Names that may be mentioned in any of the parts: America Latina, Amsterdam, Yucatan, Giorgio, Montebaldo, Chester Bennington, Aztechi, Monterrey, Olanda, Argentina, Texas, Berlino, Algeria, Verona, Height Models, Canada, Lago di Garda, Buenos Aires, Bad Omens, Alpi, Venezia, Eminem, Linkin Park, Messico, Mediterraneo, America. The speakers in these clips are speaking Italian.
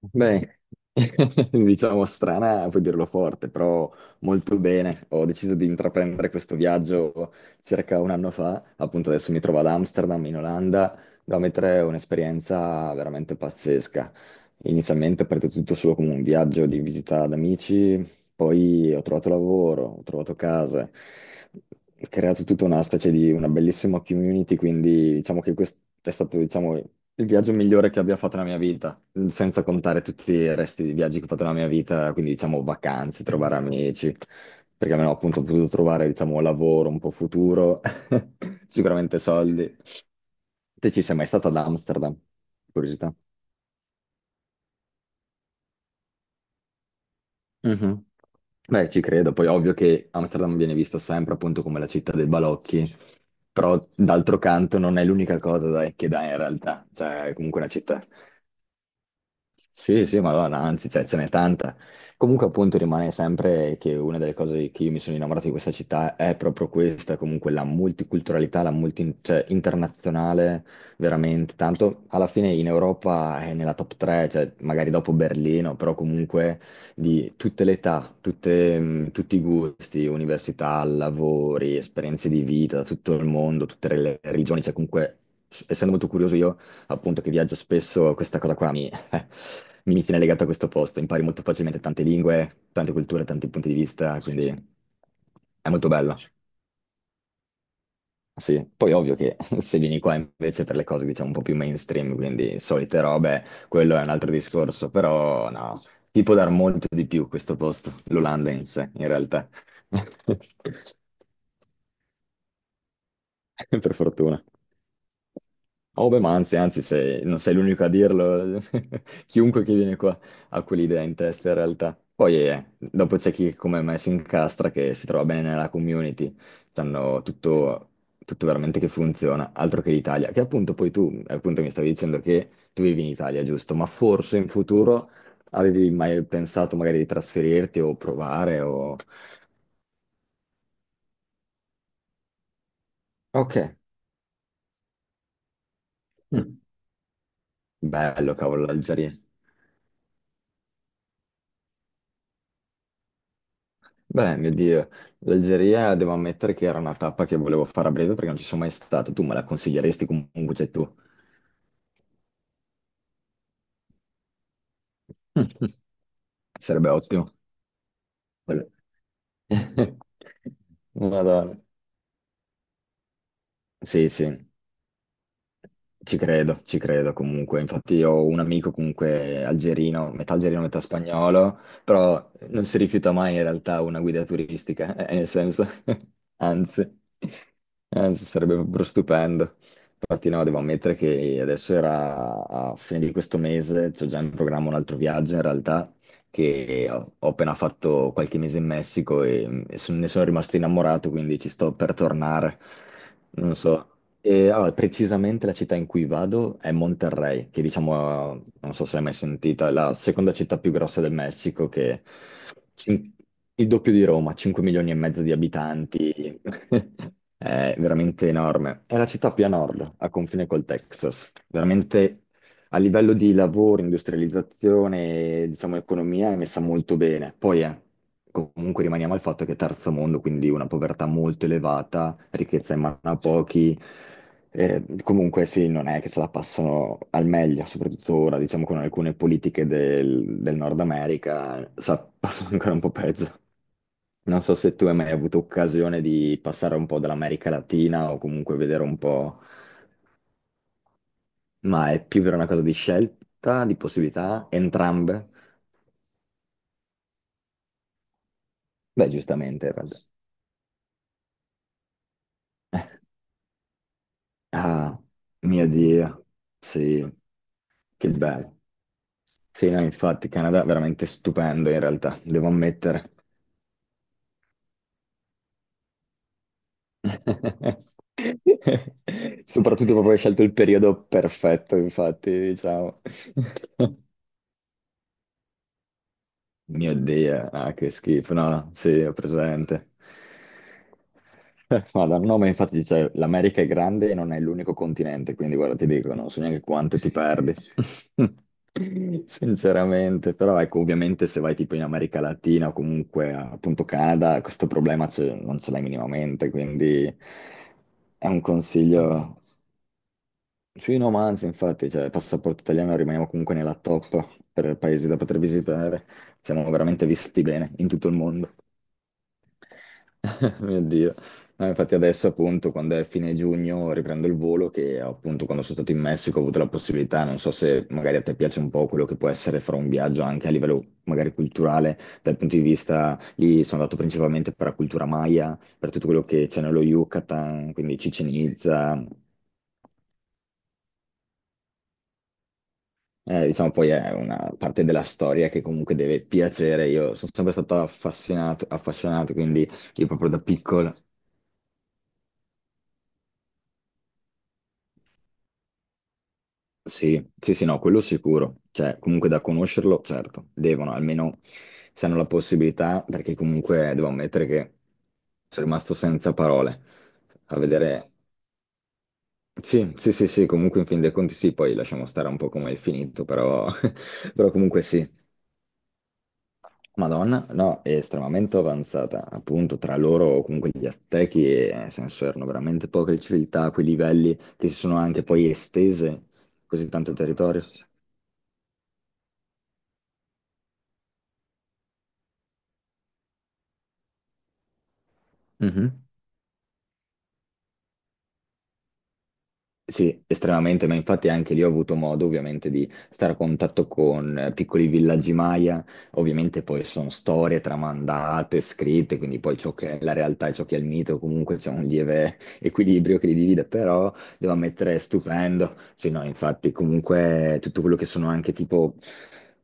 Beh, diciamo strana, puoi dirlo forte, però molto bene. Ho deciso di intraprendere questo viaggio circa un anno fa, appunto adesso mi trovo ad Amsterdam, in Olanda, da mettere un'esperienza veramente pazzesca. Inizialmente è partito tutto solo come un viaggio di visita ad amici, poi ho trovato lavoro, ho trovato casa, ho creato tutta una specie di una bellissima community, quindi diciamo che questo è stato, diciamo, il viaggio migliore che abbia fatto nella mia vita, senza contare tutti i resti di viaggi che ho fatto nella mia vita, quindi diciamo vacanze, trovare amici, perché almeno appunto ho potuto trovare, diciamo, lavoro un po' futuro, sicuramente soldi. Te ci sei mai stata ad Amsterdam? Curiosità. Mhm. Beh, ci credo, poi ovvio che Amsterdam viene vista sempre appunto come la città dei balocchi, però d'altro canto non è l'unica cosa dai, che dà in realtà, cioè è comunque una città. Sì, sì, ma guarda, anzi, cioè, ce n'è tanta. Comunque, appunto, rimane sempre che una delle cose che io mi sono innamorato di questa città è proprio questa, comunque la multiculturalità, la multi, cioè, internazionale, veramente. Tanto alla fine in Europa è nella top 3, cioè, magari dopo Berlino, però comunque di tutte le età, tutte, tutti i gusti, università, lavori, esperienze di vita, da tutto il mondo, tutte le religioni, cioè comunque, essendo molto curioso io appunto che viaggio spesso, questa cosa qua, eh, mi tiene legato a questo posto, impari molto facilmente tante lingue, tante culture, tanti punti di vista, quindi è molto bello, sì. Poi ovvio che se vieni qua invece per le cose diciamo un po' più mainstream, quindi solite robe, quello è un altro discorso, però no, ti può dar molto di più questo posto, l'Olanda in sé, in realtà. Per fortuna. Oh, beh, ma anzi, anzi, non sei l'unico a dirlo, chiunque che viene qua ha quell'idea in testa in realtà. Poi dopo c'è chi come me si incastra, che si trova bene nella community, sanno tutto, tutto veramente che funziona, altro che l'Italia. Che appunto poi tu, appunto mi stavi dicendo che tu vivi in Italia, giusto? Ma forse in futuro avevi mai pensato magari di trasferirti o provare o... Ok. Mm, bello, cavolo, l'Algeria. Beh, mio Dio, l'Algeria devo ammettere che era una tappa che volevo fare a breve perché non ci sono mai stato. Tu me la consiglieresti comunque, c'è tu. Sarebbe ottimo. Quello- Madonna. Sì, sì. Ci credo comunque. Infatti ho un amico comunque algerino, metà spagnolo, però non si rifiuta mai in realtà una guida turistica, nel senso, anzi, anzi sarebbe proprio stupendo. Infatti no, devo ammettere che adesso era a fine di questo mese, c'ho già in programma un altro viaggio in realtà, che ho, ho appena fatto qualche mese in Messico e ne sono rimasto innamorato, quindi ci sto per tornare. Non so. E, allora, precisamente la città in cui vado è Monterrey, che diciamo, non so se l'hai mai sentita, è la seconda città più grossa del Messico, che cin- il doppio di Roma, 5 milioni e mezzo di abitanti, è veramente enorme. È la città più a nord, a confine col Texas, veramente a livello di lavoro, industrializzazione, diciamo, economia è messa molto bene. Poi comunque rimaniamo al fatto che è terzo mondo, quindi una povertà molto elevata, ricchezza in mano a pochi. Comunque sì, non è che se la passano al meglio, soprattutto ora, diciamo, con alcune politiche del, del Nord America, passano ancora un po' peggio. Non so se tu hai mai avuto occasione di passare un po' dall'America Latina o comunque vedere un po', ma è più per una cosa di scelta, di possibilità, entrambe? Beh, giustamente, in realtà. Ah, mio Dio, sì, che bello. Sì, no, infatti, Canada è veramente stupendo in realtà, devo ammettere. Soprattutto proprio hai scelto il periodo perfetto, infatti, diciamo. Mio Dio, ah, che schifo, no, sì, ho presente. Guarda, il nome infatti dice l'America è grande e non è l'unico continente, quindi guarda, ti dico, non so neanche quanto ti perdi. Sinceramente, però ecco, ovviamente se vai tipo in America Latina o comunque appunto Canada, questo problema non ce l'hai minimamente, quindi è un consiglio sui romanzi, infatti, cioè, passaporto italiano rimaniamo comunque nella top per paesi da poter visitare. Siamo veramente visti bene in tutto il mondo. Mio Dio. No, infatti adesso appunto quando è fine giugno riprendo il volo che appunto quando sono stato in Messico ho avuto la possibilità, non so se magari a te piace un po' quello che può essere fare un viaggio anche a livello magari culturale, dal punto di vista lì sono andato principalmente per la cultura maya, per tutto quello che c'è nello Yucatan, quindi Cicenizza. Diciamo poi è una parte della storia che comunque deve piacere. Io sono sempre stato affascinato, affascinato, quindi io proprio da piccolo, sì, sì, sì, no, quello sicuro. Cioè, comunque da conoscerlo, certo, devono, almeno se hanno la possibilità, perché comunque devo ammettere che sono rimasto senza parole a vedere. Sì, sì, sì, sì, comunque in fin dei conti sì, poi lasciamo stare un po' come è finito, però, però comunque sì, Madonna, no, è estremamente avanzata, appunto, tra loro o comunque gli Aztechi, nel senso, erano veramente poche civiltà a quei livelli che si sono anche poi estese così tanto il, sì, sì, territorio. Sì. Sì, estremamente, ma infatti anche lì ho avuto modo ovviamente di stare a contatto con piccoli villaggi Maya, ovviamente poi sono storie tramandate, scritte, quindi poi ciò che è la realtà e ciò che è il mito, comunque c'è un lieve equilibrio che li divide, però devo ammettere è stupendo, sì no, infatti comunque tutto quello che sono anche tipo...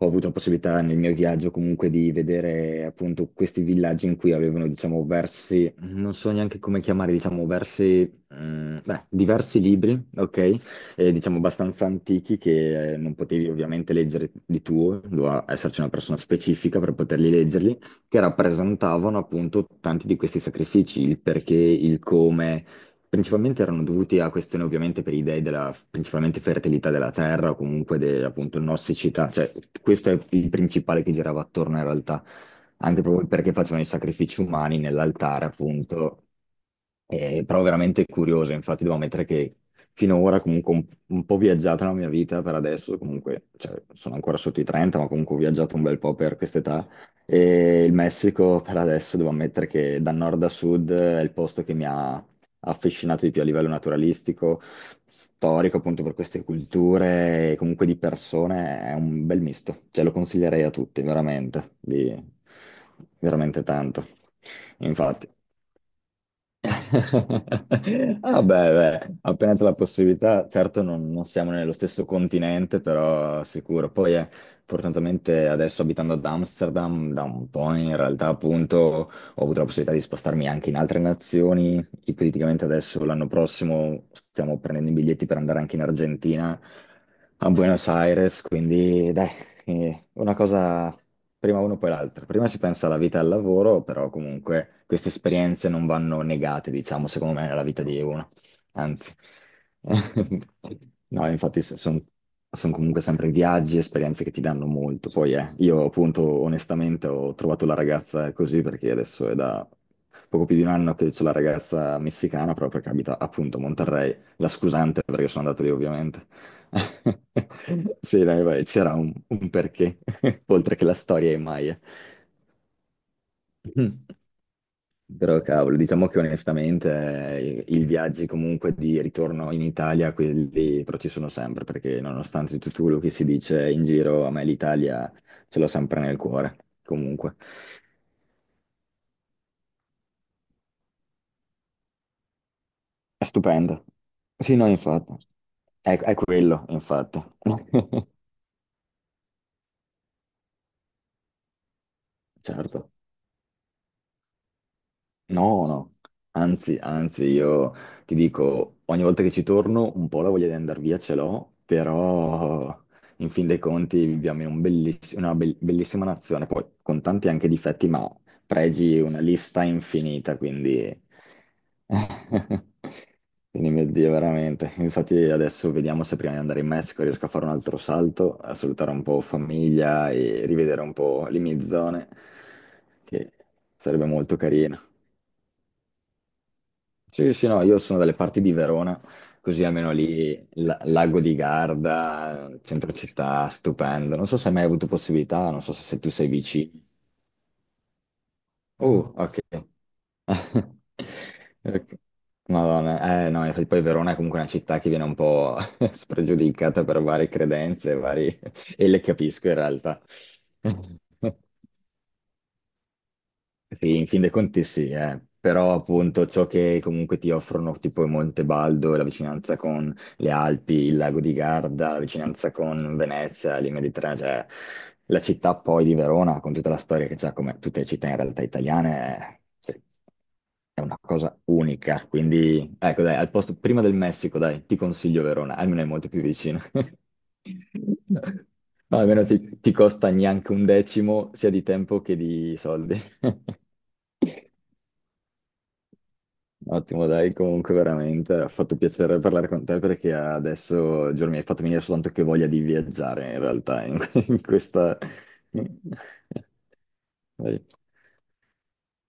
Ho avuto la possibilità nel mio viaggio comunque di vedere appunto questi villaggi in cui avevano, diciamo, versi, non so neanche come chiamare, diciamo, versi. Mm, beh, diversi libri, ok? Diciamo abbastanza antichi che non potevi ovviamente leggere di tuo, doveva esserci una persona specifica per poterli leggerli, che rappresentavano appunto tanti di questi sacrifici, il perché, il come. Principalmente erano dovuti a questioni ovviamente per i dei della principalmente fertilità della terra o comunque appunto nossicità, cioè questo è il principale che girava attorno in realtà, anche proprio perché facevano i sacrifici umani nell'altare appunto, però veramente curiosa, infatti devo ammettere che finora comunque un po' viaggiata la mia vita per adesso, comunque cioè, sono ancora sotto i 30, ma comunque ho viaggiato un bel po' per quest'età e il Messico per adesso devo ammettere che da nord a sud è il posto che mi ha affascinato di più a livello naturalistico, storico appunto per queste culture e comunque di persone, è un bel misto, cioè lo consiglierei a tutti, veramente, di- veramente tanto. Infatti. Ah beh, beh, appena c'è la possibilità, certo non, non siamo nello stesso continente, però sicuro. Poi fortunatamente adesso abitando ad Amsterdam da un po' in realtà appunto ho avuto la possibilità di spostarmi anche in altre nazioni. Ipoteticamente adesso l'anno prossimo stiamo prendendo i biglietti per andare anche in Argentina, a Buenos Aires, quindi dai, una cosa prima uno poi l'altra. Prima ci pensa alla vita e al lavoro, però comunque queste esperienze non vanno negate, diciamo, secondo me, nella vita di uno. Anzi, no, infatti sono comunque sempre viaggi, esperienze che ti danno molto. Poi io appunto onestamente ho trovato la ragazza così perché adesso è da poco più di un anno che c'ho la ragazza messicana, proprio perché abita appunto a Monterrey. La scusante perché sono andato lì ovviamente. Sì, dai, vai, c'era un perché, oltre che la storia è Maya. Però cavolo, diciamo che onestamente i viaggi comunque di ritorno in Italia, quelli però ci sono sempre, perché nonostante tutto quello che si dice in giro, a me l'Italia ce l'ho sempre nel cuore, comunque. È stupendo. Sì, no, infatti. È quello, infatti. Certo. No, no, anzi, anzi, io ti dico, ogni volta che ci torno un po' la voglia di andare via ce l'ho, però in fin dei conti viviamo in un bellissima nazione, poi con tanti anche difetti, ma pregi una lista infinita, quindi... Quindi mio Dio, veramente. Infatti adesso vediamo se prima di andare in Messico riesco a fare un altro salto, a salutare un po' famiglia e rivedere un po' le mie zone, che sarebbe molto carino. Sì, sì, no, io sono dalle parti di Verona, così almeno lì Lago di Garda, centro città, stupendo. Non so se hai mai avuto possibilità, non so se tu sei vicino. Oh, ok. Ok. Madonna, eh no, infatti poi Verona è comunque una città che viene un po' spregiudicata per varie credenze, vari... e le capisco in realtà. Sì, in fin dei conti sì, eh. Però appunto ciò che comunque ti offrono tipo Montebaldo e la vicinanza con le Alpi, il lago di Garda, la vicinanza con Venezia, il Mediterraneo, cioè la città poi di Verona, con tutta la storia che c'ha, come tutte le città in realtà italiane, è è una cosa unica. Quindi, ecco, dai, al posto prima del Messico, dai, ti consiglio Verona, almeno è molto più vicino. No, almeno ti costa neanche un decimo sia di tempo che di soldi. Ottimo, dai, comunque veramente ha fatto piacere parlare con te perché adesso, Giorgio, mi hai fatto venire soltanto che voglia di viaggiare in realtà in, in questa... Dai.